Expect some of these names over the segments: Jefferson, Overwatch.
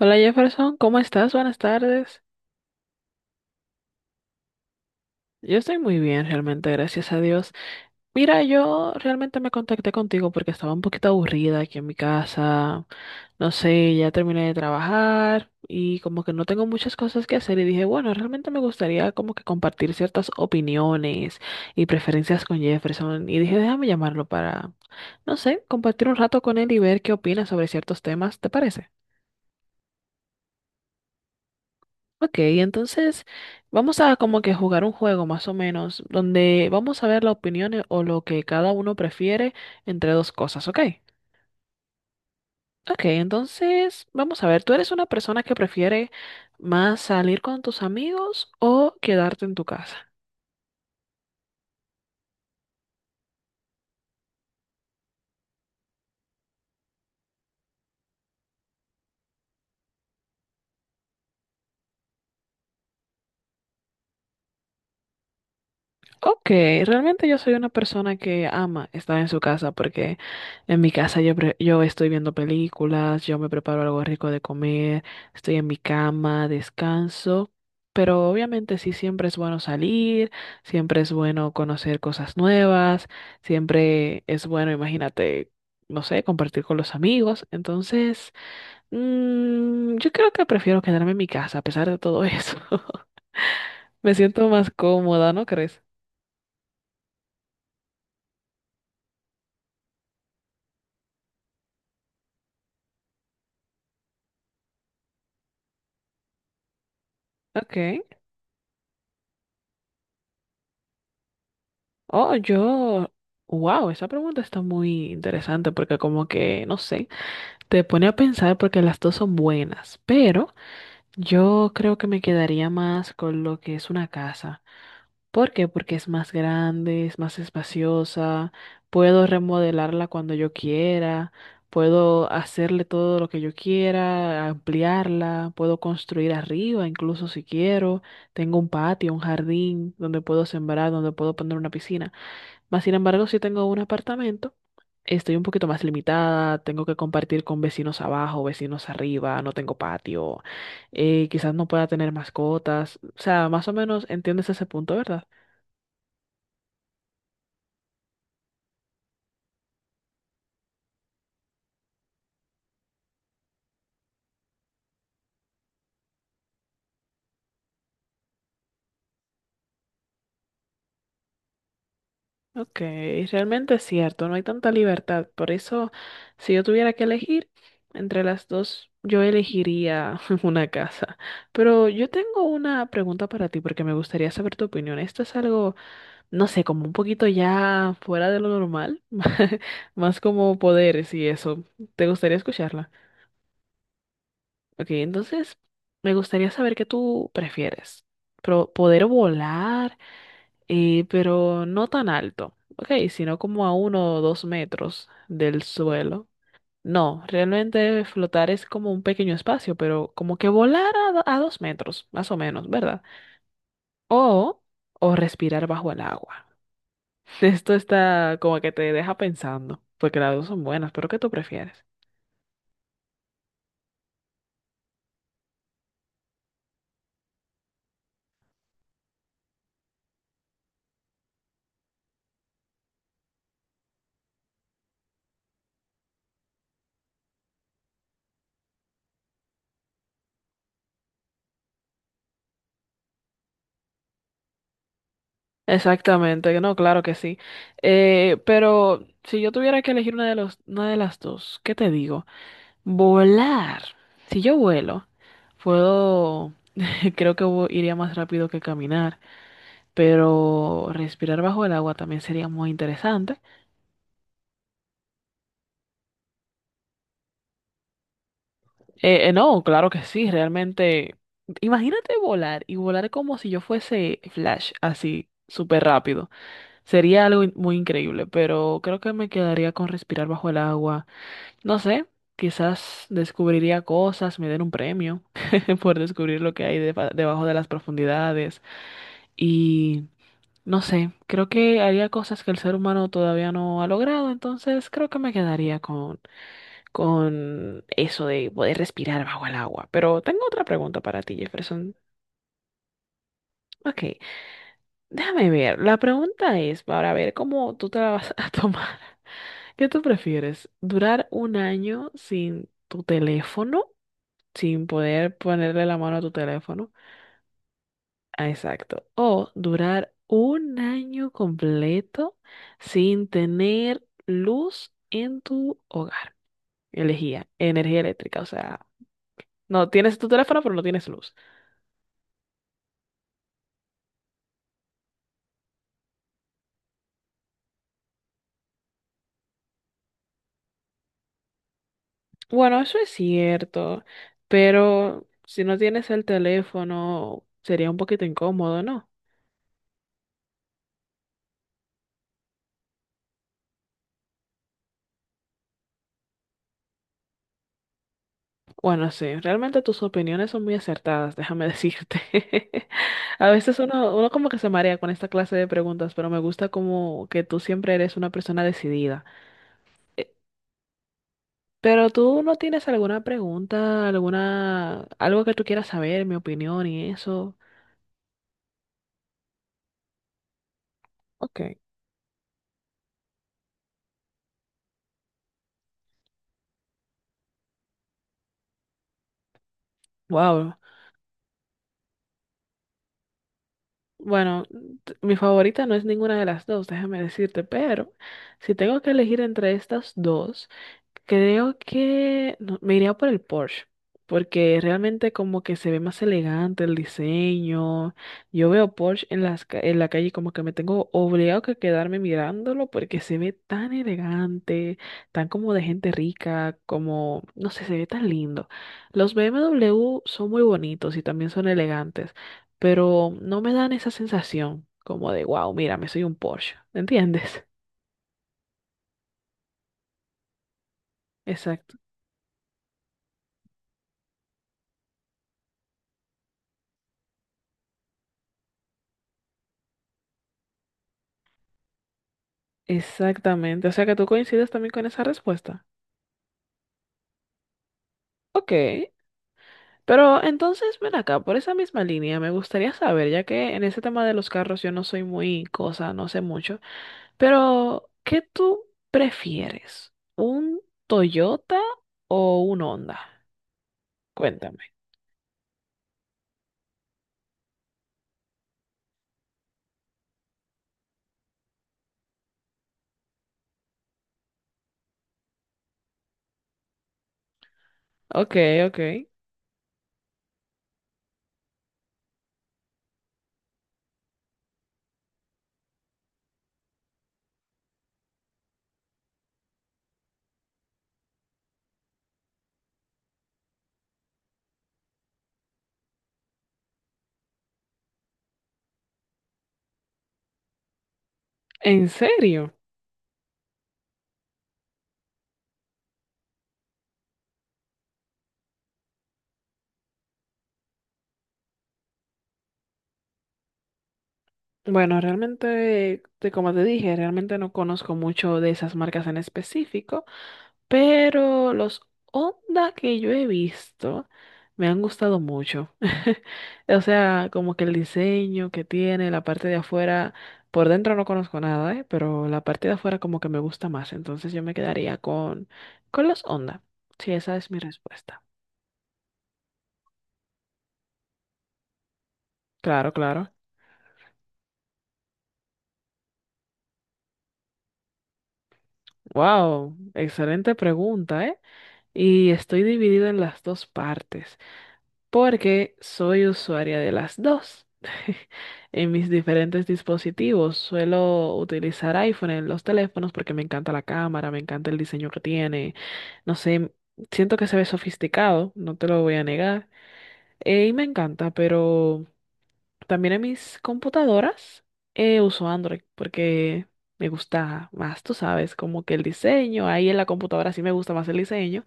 Hola Jefferson, ¿cómo estás? Buenas tardes. Yo estoy muy bien, realmente, gracias a Dios. Mira, yo realmente me contacté contigo porque estaba un poquito aburrida aquí en mi casa. No sé, ya terminé de trabajar y como que no tengo muchas cosas que hacer y dije, bueno, realmente me gustaría como que compartir ciertas opiniones y preferencias con Jefferson y dije, déjame llamarlo para, no sé, compartir un rato con él y ver qué opina sobre ciertos temas, ¿te parece? Ok, entonces vamos a como que jugar un juego más o menos, donde vamos a ver la opinión o lo que cada uno prefiere entre dos cosas, ¿ok? Ok, entonces vamos a ver, ¿tú eres una persona que prefiere más salir con tus amigos o quedarte en tu casa? Ok, realmente yo soy una persona que ama estar en su casa porque en mi casa yo, yo estoy viendo películas, yo me preparo algo rico de comer, estoy en mi cama, descanso, pero obviamente sí siempre es bueno salir, siempre es bueno conocer cosas nuevas, siempre es bueno, imagínate, no sé, compartir con los amigos, entonces yo creo que prefiero quedarme en mi casa a pesar de todo eso. Me siento más cómoda, ¿no crees? Ok. Oh, yo, wow, esa pregunta está muy interesante porque como que, no sé, te pone a pensar porque las dos son buenas, pero yo creo que me quedaría más con lo que es una casa. ¿Por qué? Porque es más grande, es más espaciosa, puedo remodelarla cuando yo quiera, puedo hacerle todo lo que yo quiera, ampliarla, puedo construir arriba, incluso si quiero, tengo un patio, un jardín donde puedo sembrar, donde puedo poner una piscina. Más sin embargo, si tengo un apartamento, estoy un poquito más limitada, tengo que compartir con vecinos abajo, vecinos arriba, no tengo patio, quizás no pueda tener mascotas, o sea, más o menos entiendes ese punto, ¿verdad? Ok, realmente es cierto, no hay tanta libertad, por eso si yo tuviera que elegir entre las dos, yo elegiría una casa. Pero yo tengo una pregunta para ti porque me gustaría saber tu opinión. Esto es algo no sé, como un poquito ya fuera de lo normal, más como poderes y eso. ¿Te gustaría escucharla? Ok, entonces me gustaría saber qué tú prefieres. Pro poder volar, pero no tan alto, ok, sino como a uno o dos metros del suelo. No, realmente flotar es como un pequeño espacio, pero como que volar a, a dos metros, más o menos, ¿verdad? O, o respirar bajo el agua. Esto está como que te deja pensando, porque las dos son buenas, pero ¿qué tú prefieres? Exactamente, no, claro que sí. Pero si yo tuviera que elegir una de los, una de las dos, ¿qué te digo? Volar. Si yo vuelo, puedo, creo que vo- iría más rápido que caminar, pero respirar bajo el agua también sería muy interesante. No, claro que sí, realmente. Imagínate volar y volar como si yo fuese Flash, así, súper rápido. Sería algo muy increíble, pero creo que me quedaría con respirar bajo el agua. No sé, quizás descubriría cosas, me den un premio por descubrir lo que hay debajo de las profundidades. Y no sé, creo que haría cosas que el ser humano todavía no ha logrado, entonces creo que me quedaría con eso de poder respirar bajo el agua. Pero tengo otra pregunta para ti, Jefferson. Ok, déjame ver. La pregunta es para ver cómo tú te la vas a tomar. ¿Qué tú prefieres? ¿Durar un año sin tu teléfono, sin poder ponerle la mano a tu teléfono? Ah, exacto. O durar un año completo sin tener luz en tu hogar. Elegía energía eléctrica, o sea, no tienes tu teléfono, pero no tienes luz. Bueno, eso es cierto, pero si no tienes el teléfono, sería un poquito incómodo, ¿no? Bueno, sí, realmente tus opiniones son muy acertadas, déjame decirte. A veces uno como que se marea con esta clase de preguntas, pero me gusta como que tú siempre eres una persona decidida. Pero tú no tienes alguna pregunta, alguna, algo que tú quieras saber, mi opinión y eso. Ok. Wow. Bueno, mi favorita no es ninguna de las dos, déjame decirte, pero si tengo que elegir entre estas dos, creo que me iría por el Porsche, porque realmente como que se ve más elegante el diseño. Yo veo Porsche en las, en la calle como que me tengo obligado que quedarme mirándolo porque se ve tan elegante, tan como de gente rica, como, no sé, se ve tan lindo. Los BMW son muy bonitos y también son elegantes, pero no me dan esa sensación como de, wow, mira me soy un Porsche, ¿entiendes? Exacto, exactamente. O sea que tú coincides también con esa respuesta. Ok, pero entonces ven acá, por esa misma línea, me gustaría saber, ya que en ese tema de los carros yo no soy muy cosa, no sé mucho, pero ¿qué tú prefieres? ¿Un Toyota o un Honda? Cuéntame. Ok, ok. ¿En serio? Bueno, realmente, como te dije, realmente no conozco mucho de esas marcas en específico, pero los Honda que yo he visto me han gustado mucho. O sea, como que el diseño que tiene, la parte de afuera, por dentro no conozco nada, ¿eh? Pero la parte de afuera como que me gusta más, entonces yo me quedaría con los Honda. Sí, esa es mi respuesta. Claro, claro. Wow, excelente pregunta, ¿eh? Y estoy dividida en las dos partes, porque soy usuaria de las dos. En mis diferentes dispositivos suelo utilizar iPhone en los teléfonos porque me encanta la cámara, me encanta el diseño que tiene. No sé, siento que se ve sofisticado, no te lo voy a negar. Y me encanta, pero también en mis computadoras uso Android porque me gusta más, tú sabes, como que el diseño, ahí en la computadora sí me gusta más el diseño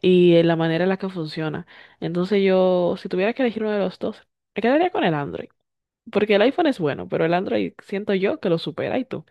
y la manera en la que funciona. Entonces yo, si tuviera que elegir uno de los dos, me quedaría con el Android, porque el iPhone es bueno, pero el Android siento yo que lo supera y tú.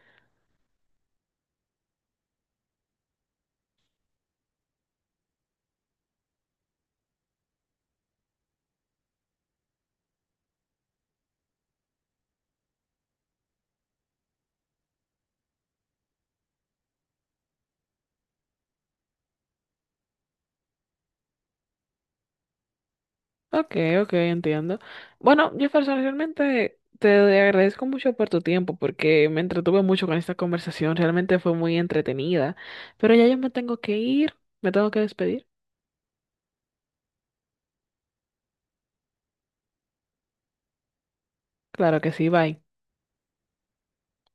Ok, ok, entiendo. Bueno, Jefferson, realmente te agradezco mucho por tu tiempo porque me entretuve mucho con esta conversación, realmente fue muy entretenida, pero ya yo me tengo que ir, me tengo que despedir. Claro que sí, bye.